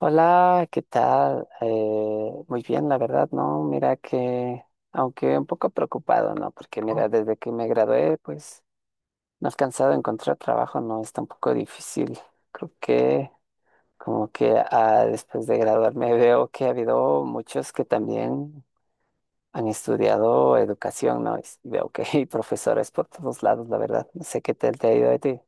Hola, ¿qué tal? Muy bien, la verdad, ¿no? Mira que, aunque un poco preocupado, ¿no? Porque mira, desde que me gradué, pues no he alcanzado a encontrar trabajo, ¿no? Está un poco difícil. Creo que como que después de graduarme veo que ha habido muchos que también han estudiado educación, ¿no? Y veo que hay profesores por todos lados, la verdad. No sé qué tal te ha ido a ti.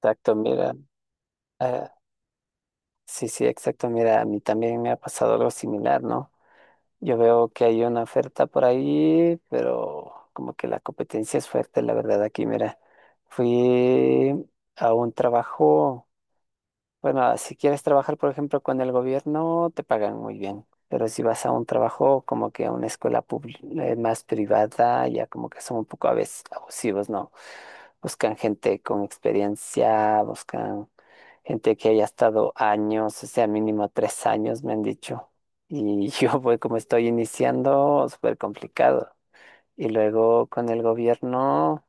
Exacto, mira. eh, sí, sí, exacto, mira, a mí también me ha pasado algo similar, ¿no? Yo veo que hay una oferta por ahí, pero como que la competencia es fuerte, la verdad, aquí, mira, fui a un trabajo, bueno, ah, si quieres trabajar, por ejemplo, con el gobierno, te pagan muy bien, pero si vas a un trabajo como que a una escuela pública, más privada, ya como que son un poco a veces abusivos, ¿no? Buscan gente con experiencia, buscan... Gente que haya estado años, o sea, mínimo tres años, me han dicho. Y yo, voy como estoy iniciando, súper complicado. Y luego con el gobierno,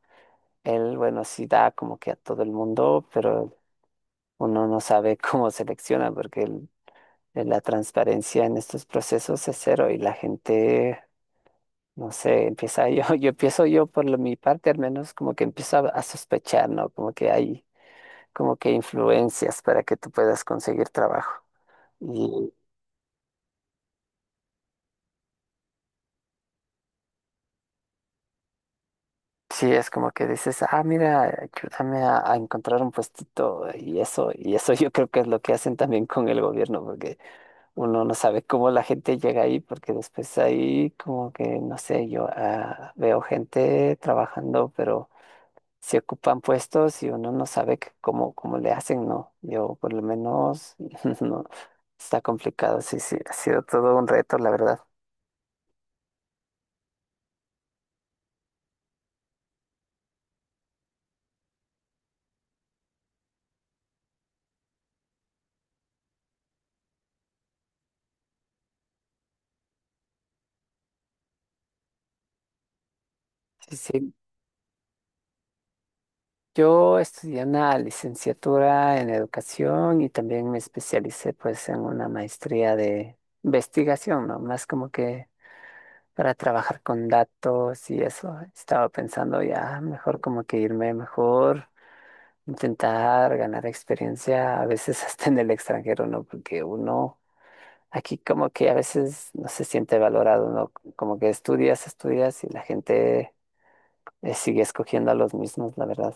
él, bueno, sí da como que a todo el mundo, pero uno no sabe cómo selecciona, porque la transparencia en estos procesos es cero y la gente, no sé, yo empiezo yo mi parte, al menos como que empiezo a sospechar, ¿no? Como que hay como que influencias para que tú puedas conseguir trabajo. Sí, es como que dices, ah, mira, ayúdame a encontrar un puestito y eso yo creo que es lo que hacen también con el gobierno, porque uno no sabe cómo la gente llega ahí, porque después ahí como que, no sé, yo ah, veo gente trabajando, pero se ocupan puestos y uno no sabe que cómo le hacen, ¿no? Yo por lo menos, no, está complicado, sí, sí, ha sido todo un reto, la verdad. Sí, sí, yo estudié una licenciatura en educación y también me especialicé pues en una maestría de investigación, ¿no? Más como que para trabajar con datos y eso. Estaba pensando ya mejor como que irme mejor, intentar ganar experiencia, a veces hasta en el extranjero, ¿no? Porque uno aquí como que a veces no se siente valorado, ¿no? Como que estudias, estudias y la gente sigue escogiendo a los mismos, la verdad.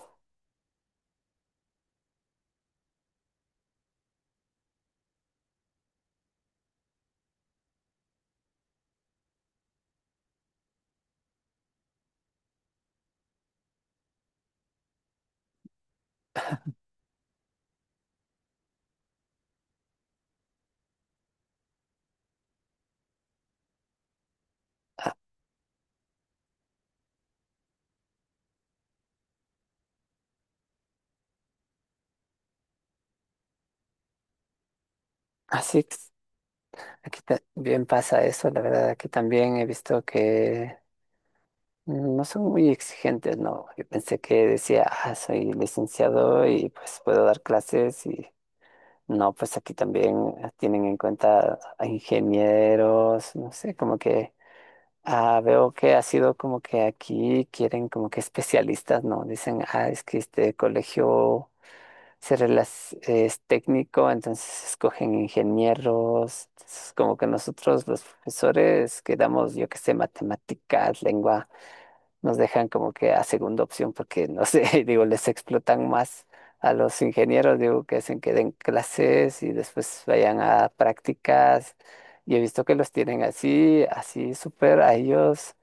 Así aquí también pasa eso, la verdad, aquí también he visto que no son muy exigentes, ¿no? Yo pensé que decía, ah, soy licenciado y pues puedo dar clases y no, pues aquí también tienen en cuenta a ingenieros, no sé, como que ah, veo que ha sido como que aquí quieren como que especialistas, ¿no? Dicen, ah, es que este colegio es técnico, entonces escogen ingenieros. Entonces, como que nosotros los profesores que damos, yo que sé, matemáticas, lengua, nos dejan como que a segunda opción porque, no sé, digo, les explotan más a los ingenieros, digo, que hacen que den clases y después vayan a prácticas. Y he visto que los tienen así, así súper a ellos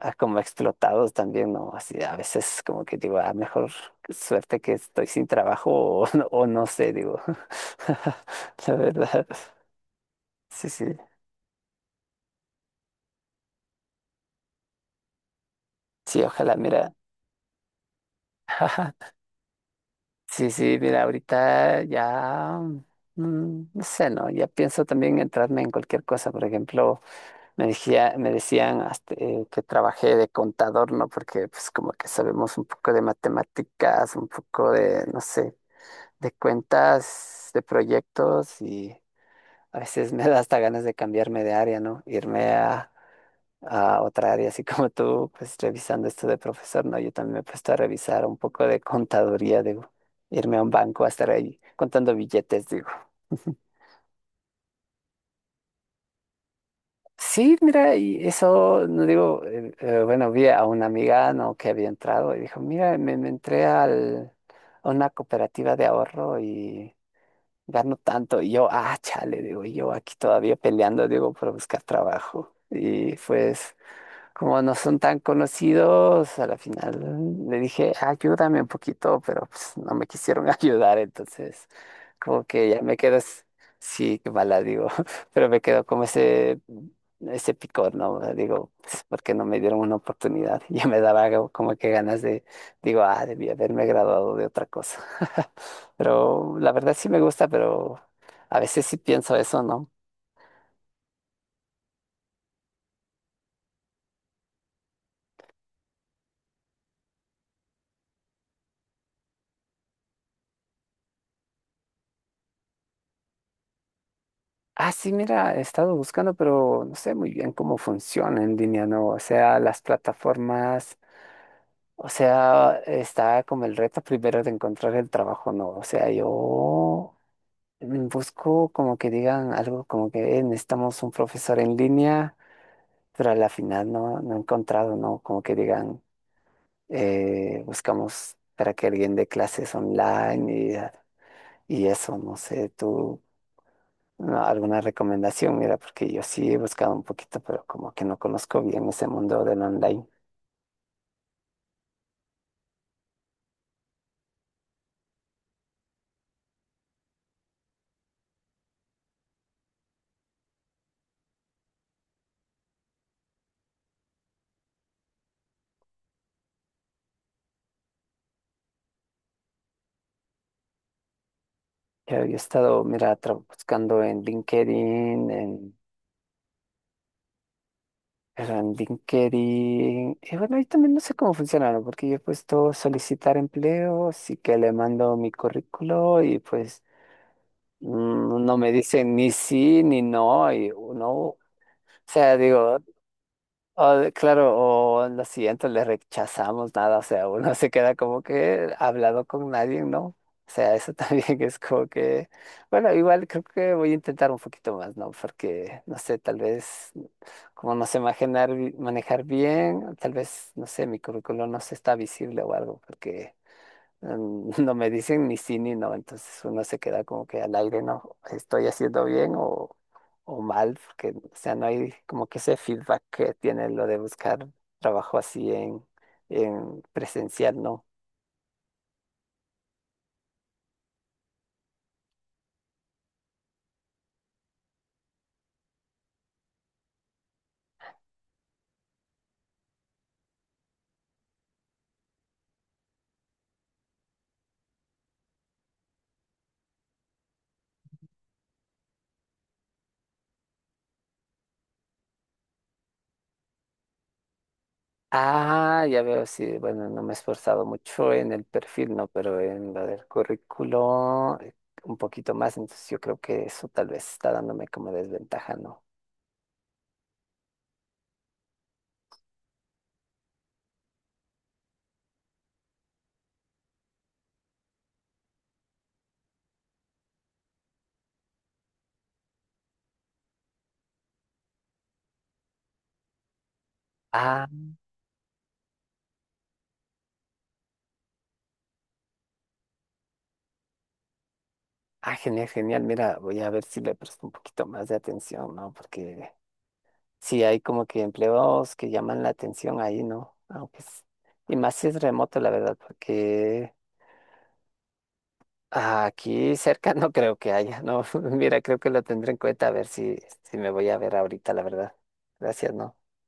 ah, como explotados también, ¿no? Así a veces como que digo, ah, mejor suerte que estoy sin trabajo o, o no sé, digo. La verdad, sí, sí, sí, ojalá, mira. Sí, sí, mira, ahorita ya, no sé, ¿no? Ya pienso también entrarme en cualquier cosa. Por ejemplo, me decían hasta, que trabajé de contador, ¿no? Porque pues como que sabemos un poco de matemáticas, un poco de, no sé de cuentas, de proyectos y a veces me da hasta ganas de cambiarme de área, ¿no? Irme a otra área, así como tú, pues revisando esto de profesor, ¿no? Yo también me he puesto a revisar un poco de contaduría, digo, irme a un banco a estar ahí contando billetes, digo. Sí, mira, y eso, no digo, bueno, vi a una amiga, ¿no? Que había entrado y dijo, mira, me entré a una cooperativa de ahorro y gano tanto. Y yo, ah, chale, digo, y yo aquí todavía peleando, digo, para buscar trabajo. Y fue, como no son tan conocidos, a la final le dije, ayúdame un poquito, pero pues no me quisieron ayudar, entonces como que ya me quedo. Sí, qué mala digo, pero me quedo como ese picor, ¿no? O sea, digo, pues, ¿por qué no me dieron una oportunidad? Ya me daba como que ganas de, digo, ah, debí haberme graduado de otra cosa. Pero la verdad sí me gusta, pero a veces sí pienso eso, ¿no? Ah, sí, mira, he estado buscando, pero no sé muy bien cómo funciona en línea, ¿no? O sea, las plataformas, o sea, está como el reto primero de encontrar el trabajo, ¿no? O sea, yo busco como que digan algo como que necesitamos un profesor en línea, pero a la final no, no he encontrado, ¿no?" Como que digan, buscamos para que alguien dé clases online y eso, no sé, tú. No, alguna recomendación, mira, porque yo sí he buscado un poquito, pero como que no conozco bien ese mundo del online. Yo he estado, mira, buscando en LinkedIn, pero en LinkedIn, y bueno, ahí también no sé cómo funciona, ¿no? Porque yo he puesto solicitar empleo, sí que le mando mi currículo y pues no me dicen ni sí ni no, y no, o sea, digo, claro, o lo siguiente le rechazamos nada, o sea, uno se queda como que hablado con nadie, ¿no? O sea, eso también es como que, bueno, igual creo que voy a intentar un poquito más, ¿no? Porque, no sé, tal vez, como no sé manejar, manejar bien, tal vez, no sé, mi currículum no se está visible o algo, porque no me dicen ni sí ni no, entonces uno se queda como que al aire, no, estoy haciendo bien o mal, porque, o sea, no hay como que ese feedback que tiene lo de buscar trabajo así en presencial, ¿no? Ah, ya veo, sí, bueno, no me he esforzado mucho en el perfil, ¿no? Pero en lo del currículo, un poquito más, entonces yo creo que eso tal vez está dándome como desventaja, ¿no? Ah, ah, genial, genial. Mira, voy a ver si le presto un poquito más de atención, ¿no? Porque sí hay como que empleos que llaman la atención ahí, ¿no? Y más si es remoto, la verdad, porque aquí cerca no creo que haya, ¿no? Mira, creo que lo tendré en cuenta a ver si me voy a ver ahorita, la verdad. Gracias, ¿no?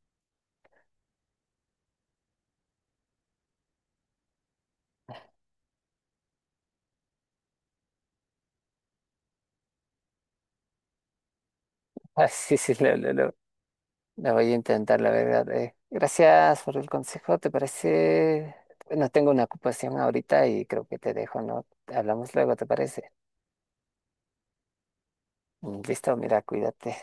Ah, sí, sí, lo voy a intentar, la verdad. Gracias por el consejo, ¿te parece? Bueno, tengo una ocupación ahorita y creo que te dejo, ¿no? Hablamos luego, ¿te parece? Listo, mira, cuídate.